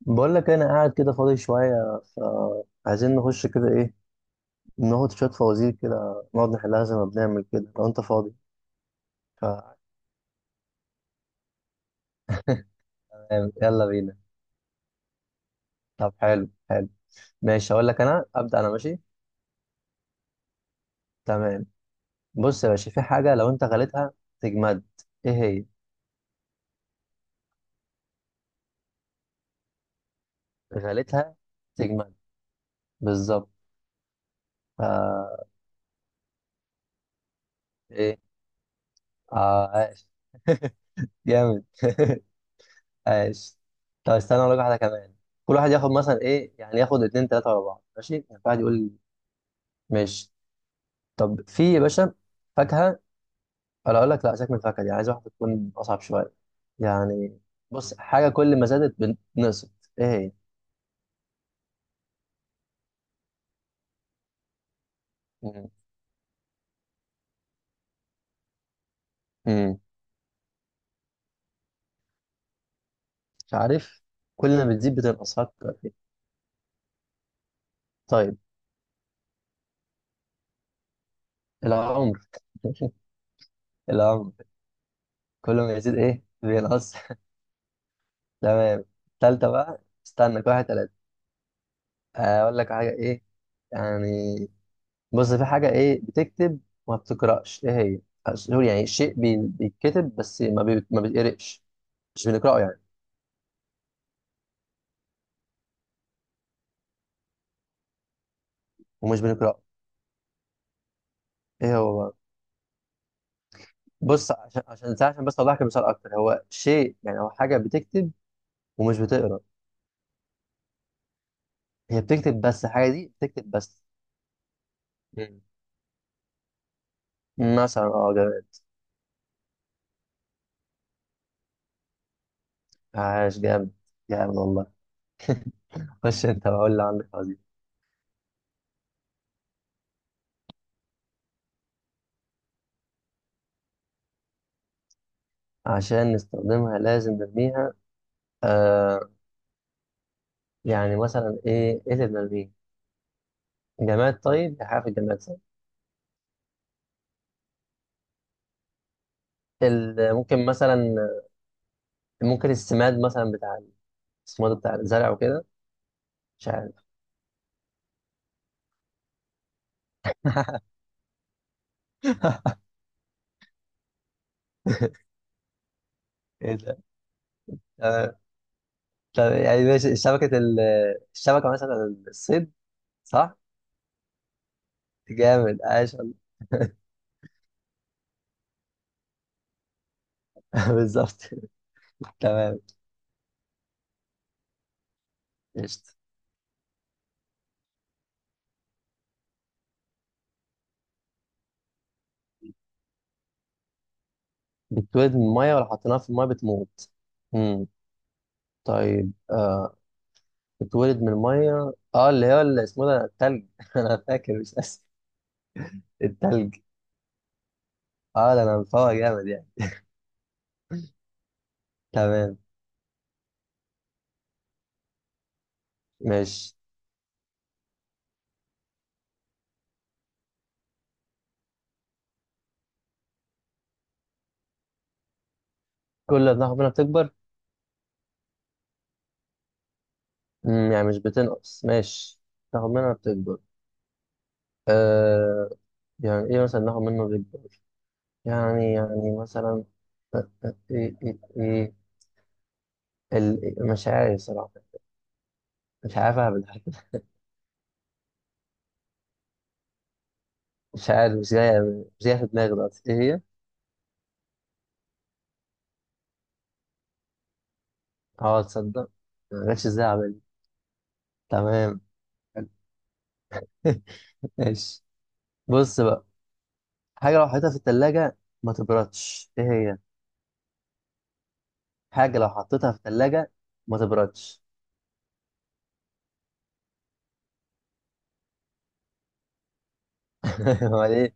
بقول لك انا قاعد كده فاضي شويه، فعايزين نخش كده ايه. ناخد شويه فوازير كده نقعد نحلها زي ما بنعمل كده لو انت فاضي. ف يلا بينا. طب حلو حلو. ماشي، هقول لك انا ابدا، انا ماشي. تمام. بص يا باشا، في حاجه لو انت غليتها تجمد، ايه هي؟ غليتها تجمد بالظبط. ف ايه؟ اه، عاش جامد. عاش. طب استنى اقول لك واحده كمان. كل واحد ياخد مثلا ايه، يعني ياخد اتنين تلاته ورا بعض، ماشي؟ يعني كل واحد يقول. ماشي. طب في يا باشا فاكهة. أنا أقول لك، لا، سيبك من الفاكهة دي، عايز واحدة تكون أصعب شوية يعني. بص، حاجة كل ما زادت بنقصت، إيه هي؟ مم. مم. مش عارف. كل ما بتزيد بتنقص، فكر فيها. طيب، العمر. العمر. كل ما يزيد إيه بينقص. تمام. تالتة بقى، استنى، كل واحد تلاتة. أقول لك حاجة إيه يعني. بص، في حاجة إيه بتكتب وما بتقرأش، إيه هي؟ أس- يعني شيء بي- بيتكتب بس ما بي- ما بيتقرأش. مش بنقرأه يعني. ومش بنقرأه. ايه هو بقى؟ بص عشان بس اوضح لك المثال اكتر، هو شيء يعني او حاجه بتكتب ومش بتقرا. هي بتكتب بس، الحاجه دي بتكتب بس. مم. مثلا اه، جامد. عاش جامد. جامد والله. خش انت وقول اللي عندك، عظيم. عشان نستخدمها لازم نرميها. آه، يعني مثلا ايه اللي بنرميه؟ جماد، طيب دي حاجه في الجماد، صح. ال- ممكن مثلا. ممكن السماد مثلا بتاع، السماد بتاع الزرع وكده. مش عارف. ايه ده. آه. طب يعني ماشي، شبكة ال... الشبكة مثلا الصيد. صح؟ جامد، عاش والله. بالظبط. تمام. قشطة. بتتولد من المية ولا حطيناها في المية بتموت؟ امم. طيب آه. بتتولد من المية، اه اللي هو اللي اسمه ده التلج. انا فاكر، مش اسف. التلج. اه، ده انا مفوق جامد يعني. تمام، ماشي. كل ما بناخد منها بتكبر. امم، يعني مش بتنقص، ماشي. ناخد منها بتكبر. آه. يعني ايه مثلا ناخد منه بتكبر؟ يعني مثلا إيه. ال- مش عارف صراحة. مش عارف أعمل حاجة. مش عارف، مش جاية في دماغي دلوقتي، إيه هي؟ أه، تصدق ما جاتش إزاي أعمل. تمام. حلو. ماشي. بص بقى، حاجة لو حطيتها في التلاجة ما تبردش، إيه هي؟ حاجة لو حطيتها في التلاجة ما تبردش. أمال إيه؟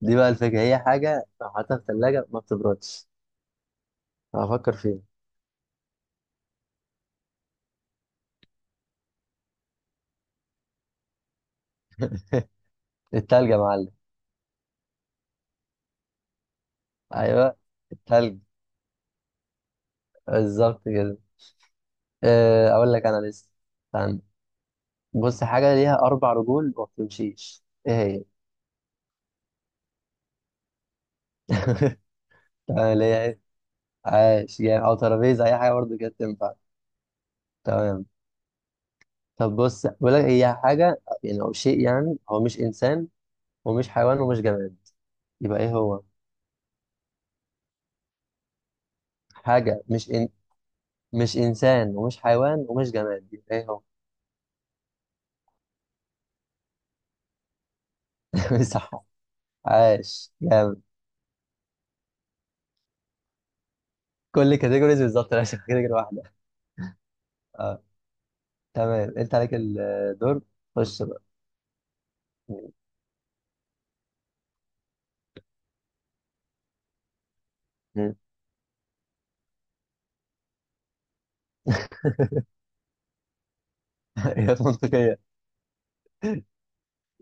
دي بقى الفكرة، هي حاجة لو حطيتها في التلاجة ما بتبردش. هفكر فيها. التلج يا معلم. أيوه، التلج. بالظبط كده. آه، اقول لك انا لسه. استنى، بص، حاجه ليها اربع رجول وما بتمشيش، ايه هي؟ تمام، اللي هي ايه؟ عاش يعني، او ترابيزه، اي حاجه برضه كده تنفع. تمام. طب بص، بقول لك هي حاجه يعني او شيء يعني، هو مش انسان ومش حيوان ومش جماد، يبقى ايه هو؟ حاجه مش إن... مش انسان ومش حيوان ومش جماد، يبقى ايه هو؟ صح. عاش جامد. كل كاتيجوريز بالظبط، لا كاتيجوري واحده. اه. تمام، انت عليك الدور. خش بقى. إجابات منطقية.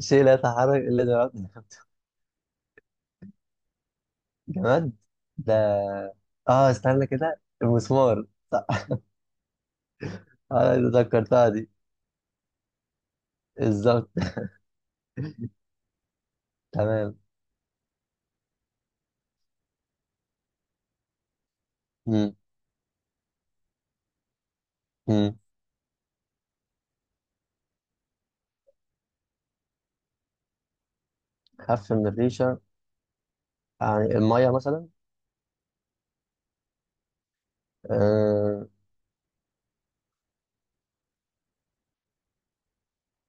شيء لا يتحرك إلا جماد. جماد ده. آه، استنى كده، المسمار، صح. آه ذكرتها دي، بالظبط. تمام. مم. مم. خف من الريشة. يعني المية مثلا. آه.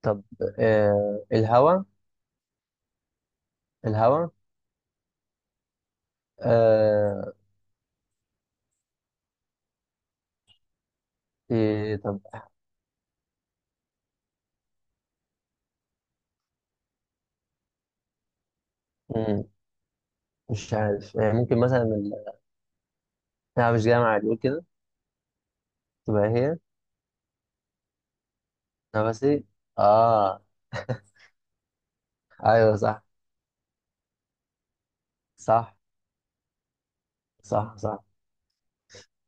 طب آه، الهواء. الهواء. آه. إيه؟ طب. مم. مش عارف، يعني ممكن مثلا ال... أنا مش جامعة يقول كده. تبقى هي نفسي. آه. أيوه، صح. صح، صح، صح.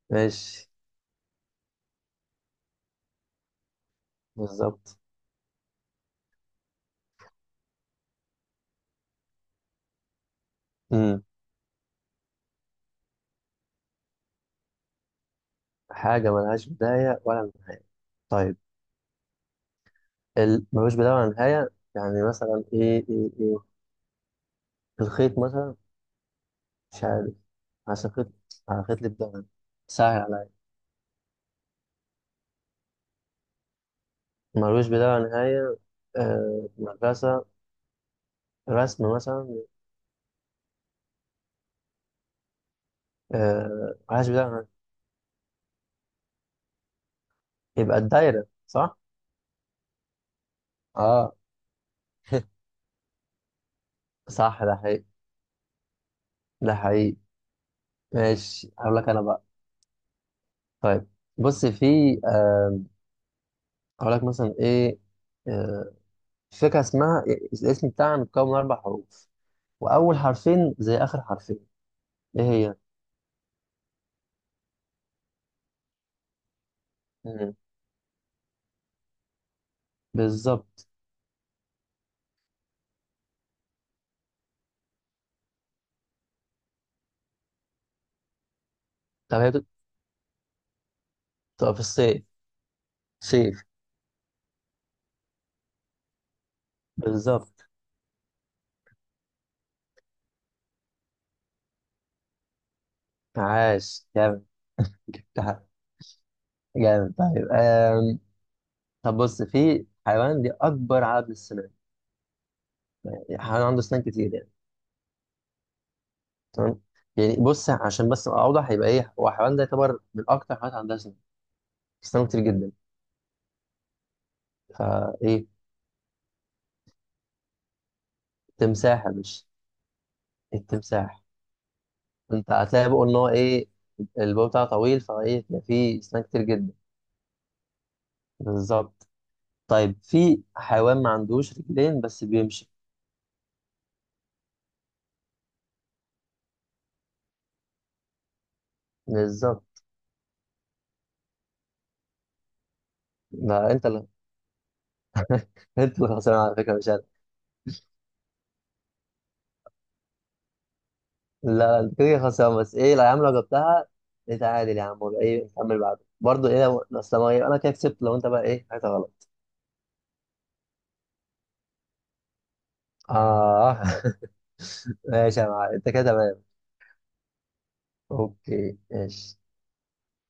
ماشي، بالظبط. امم، حاجة ملهاش بداية ولا نهاية. طيب ال... ملوش بداية ولا نهاية، يعني مثلا إيه؟ الخيط مثلا، مش عارف. عشان خيط، على خيط لي بداية، سهل عليا. ملوش بداية ولا نهاية. آه... مدرسة. رسم مثلا. آه... ملهاش بداية ولا نهاية، يبقى الدايرة، صح؟ اه، صح. ده حقيقي، ده حقيقي. ماشي، هقول لك أنا بقى. طيب، بص في آه... هقول لك مثلا إيه. آه... فكرة اسمها، الاسم بتاعها متكون من أربع حروف، واول حرفين زي اخر حرفين، ايه هي؟ مم. بالظبط. طب هي بت- بتبقى في الصيف. صيف. بالظبط. عاش، جامد. ده- جامد. طيب آم. طب بص، في حيوان دي اكبر عدد السنان، يعني حيوان عنده سنان كتير يعني. تمام. يعني بص، عشان بس ابقى اوضح، يبقى ايه هو الحيوان ده، يعتبر من اكتر الحيوانات عندها سنان، سنان كتير جدا. فايه؟ التمساح يا باشا. التمساح. انت هتلاقي بقول ان هو ايه، الباب بتاعه طويل، فايه بيبقى فيه سنان كتير جدا. بالظبط. طيب، في حيوان ما عندوش رجلين بس بيمشي. بالظبط. لا انت اللي. انت اللي خسران على فكره، مش انا. لا لا، انت كده خسران، بس ايه، لا يا عم، لو جبتها نتعادل يا عم، ولا ايه نكمل بعده برضه، ايه لو اصل ما انا كده كسبت، لو انت بقى ايه حاجه غلط. اه. ماشي يا معلم، انت كده تمام. اوكي ماشي.